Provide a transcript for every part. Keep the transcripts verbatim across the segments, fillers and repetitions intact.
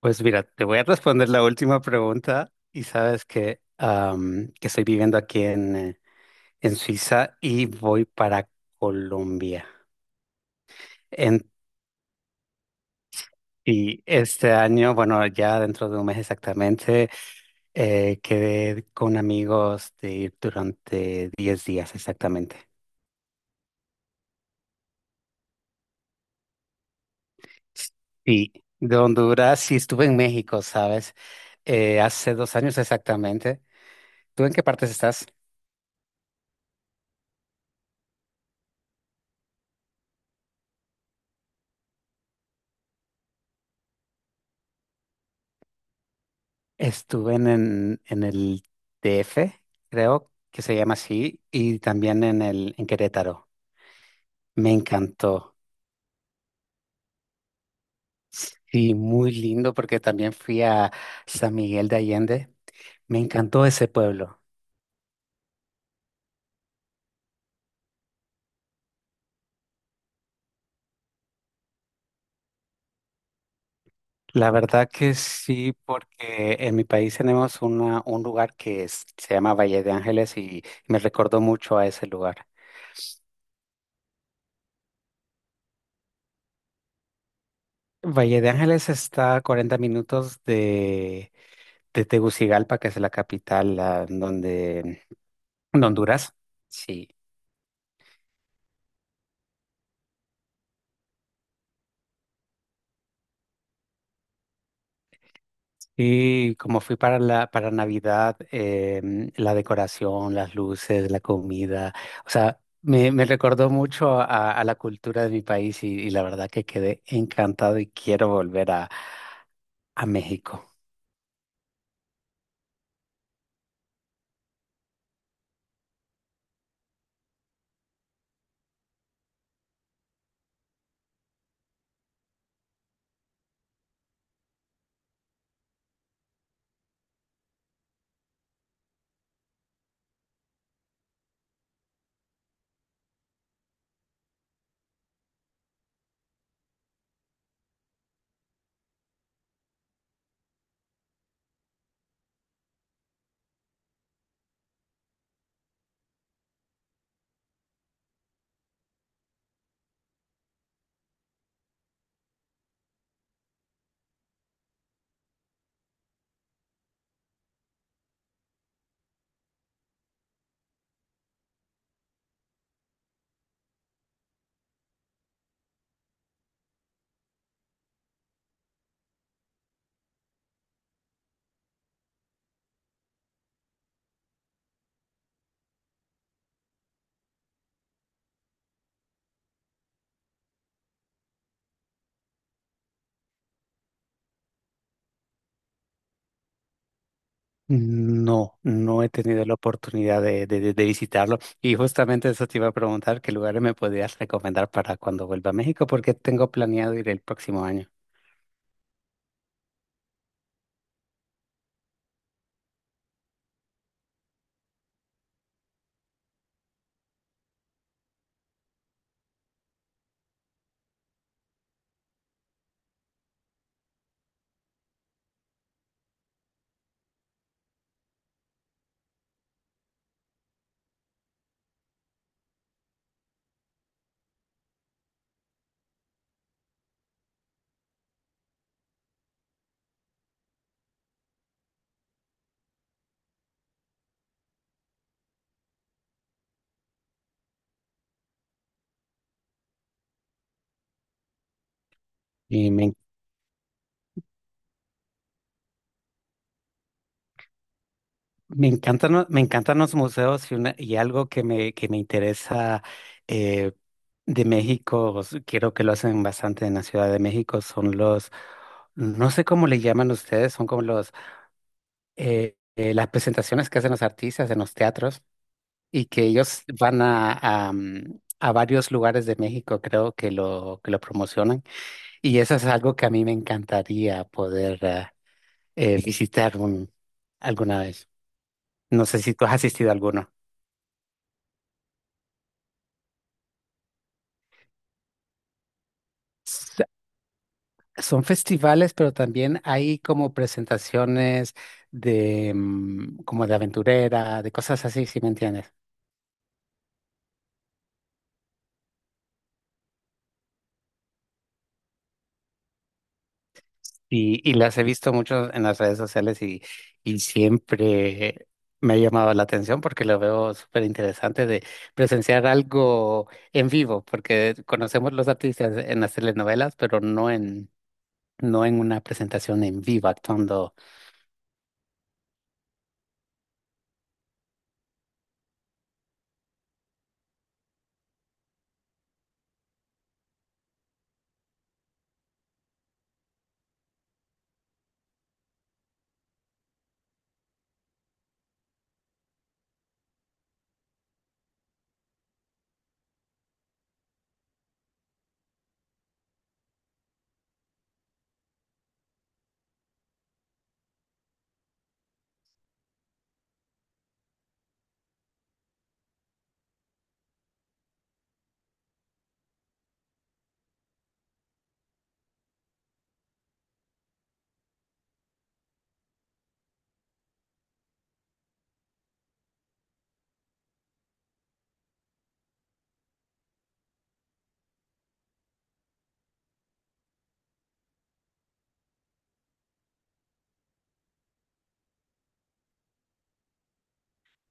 Pues mira, te voy a responder la última pregunta y sabes que, am, que estoy viviendo aquí en, eh, en Suiza y voy para Colombia. En- y este año, bueno, ya dentro de un mes exactamente, eh, quedé con amigos de ir durante diez días exactamente. Sí, de Honduras y estuve en México, ¿sabes? Eh, hace dos años exactamente. ¿Tú en qué partes estás? Estuve en, en, en el D F, creo que se llama así, y también en el, en Querétaro. Me encantó. Sí, muy lindo porque también fui a San Miguel de Allende. Me encantó ese pueblo. La verdad que sí, porque en mi país tenemos una, un lugar que es- se llama Valle de Ángeles y me recordó mucho a ese lugar. Valle de Ángeles está a cuarenta minutos de, de Tegucigalpa, que es la capital, la- donde De Honduras, sí. Y como fui para la, para Navidad, em, la decoración, las luces, la comida, o sea, me, me recordó mucho a, a la cultura de mi país y, y la verdad que quedé encantado y quiero volver a, a México. No, no he tenido la oportunidad de, de, de- de visitarlo y justamente eso te iba a preguntar, ¿qué lugares me podías recomendar para cuando vuelva a México? Porque tengo planeado ir el próximo año. Y me Me encantan, lo- me encantan los museos y, una- y algo que me, que me interesa eh, de México, s- quiero que lo hacen bastante en la Ciudad de México, son los, no sé cómo le llaman ustedes, son como los, eh, eh, las presentaciones que hacen los artistas en los teatros y que ellos van a, a, mm, a varios lugares de México, creo que lo, que lo promocionan. Y eso es algo que a mí me encantaría poder ah, eh, visitar un- alguna vez. No sé si tú has asistido a alguno. S- Son festivales, pero también hay como presentaciones de mm, como de aventurera, de cosas así, si me entiendes. Y, y las he visto mucho en las redes sociales y, y siempre me ha llamado la atención porque lo veo súper interesante de presenciar algo en vivo, porque conocemos los artistas en las telenovelas, pero no en, no en una presentación en vivo actuando.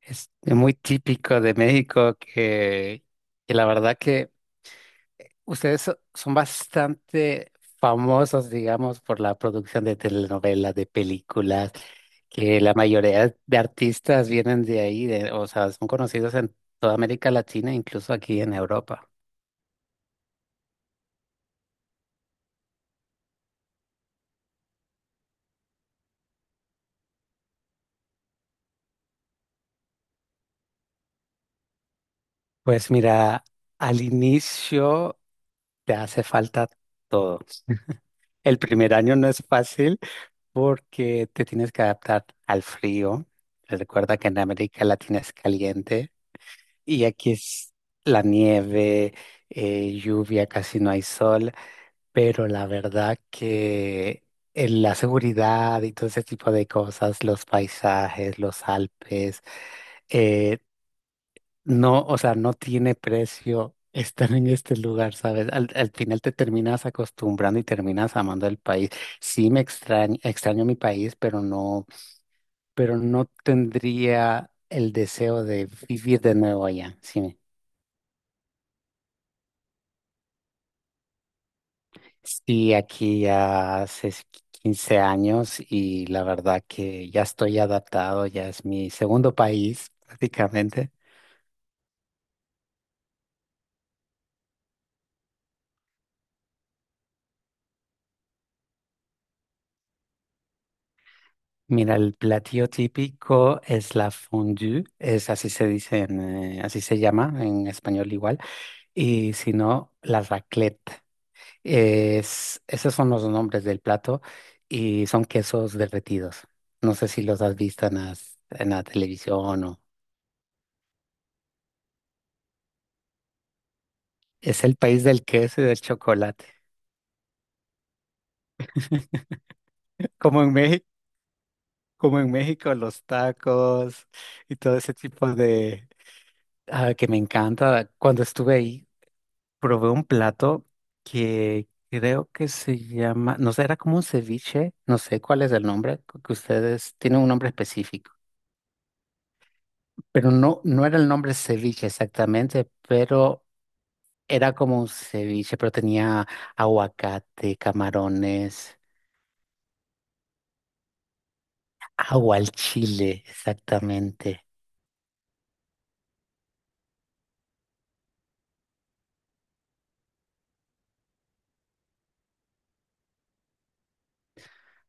Es muy típico de México que, que la verdad que Ustedes so- son bastante famosos, digamos, por la producción de telenovelas, de películas, que la mayoría de artistas vienen de ahí, de- o sea, son conocidos en toda América Latina, incluso aquí en Europa. Pues mira, al inicio te hace falta todo. El primer año no es fácil porque te tienes que adaptar al frío. Recuerda que en América Latina es caliente. Y aquí es la nieve, eh, lluvia, casi no hay sol, pero la verdad que en la seguridad y todo ese tipo de cosas, los paisajes, los Alpes, eh, no, o sea, no tiene precio estar en este lugar, ¿sabes? Al, al final te terminas acostumbrando y terminas amando el país. Sí me extraño, extraño mi país, pero no, pero no tendría el deseo de vivir de nuevo allá, ¿sí? Sí, aquí ya hace quince años y la verdad que ya estoy adaptado, ya es mi segundo país prácticamente. Mira, el platillo típico es la fondue, es así se dice, en, eh, así se llama en español igual, y si no, la raclette. Es, esos son los nombres del plato y son quesos derretidos. No sé si los has visto en las- en la televisión o… Es el país del queso y del chocolate. Como en México. Como en México, los tacos y todo ese tipo de ah, que me encanta. Cuando estuve ahí, probé un plato que creo que se llama, no sé, era como un ceviche, no sé cuál es el nombre, cu- que ustedes tienen un nombre específico, pero no, no era el nombre ceviche exactamente, pero era como un ceviche, pero tenía aguacate, camarones, agua al chile, exactamente.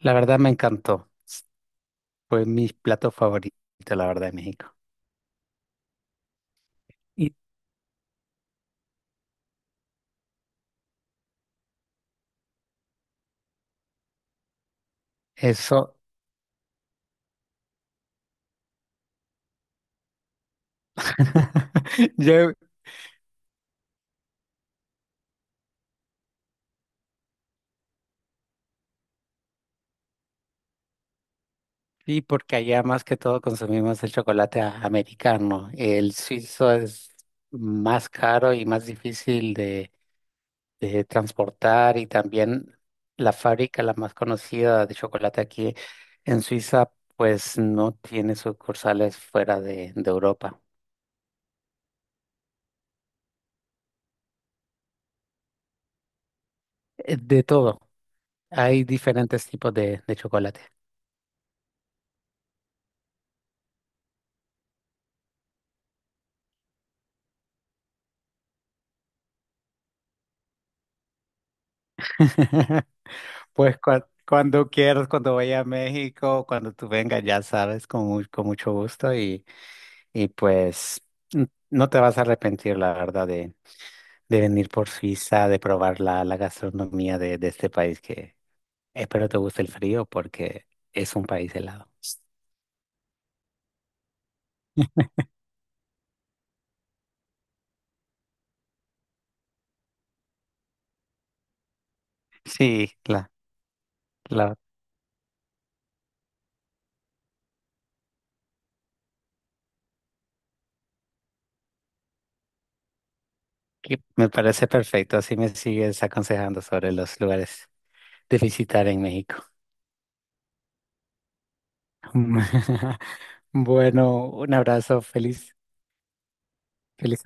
La verdad me encantó. Fue mi plato favorito, la verdad, de México. Y Eso. Yo, y porque allá más que todo consumimos el chocolate a- americano. El suizo es más caro y más difícil de, de transportar y también la fábrica, la más conocida de chocolate aquí en Suiza, pues no tiene sucursales fuera de, de Europa. Eh, De todo. Hay diferentes tipos de, de chocolate. Pues cua- cuando quieras, cuando vaya a México, cuando tú vengas, ya sabes, con, mu- con mucho gusto y, y pues n- no te vas a arrepentir, la verdad, de, de venir por Suiza, de probar la, la gastronomía de, de este país que espero te guste el frío porque es un país helado. Sí, la, la, que me parece perfecto, así me sigues aconsejando sobre los lugares de visitar en México. Bueno, un abrazo, feliz, feliz.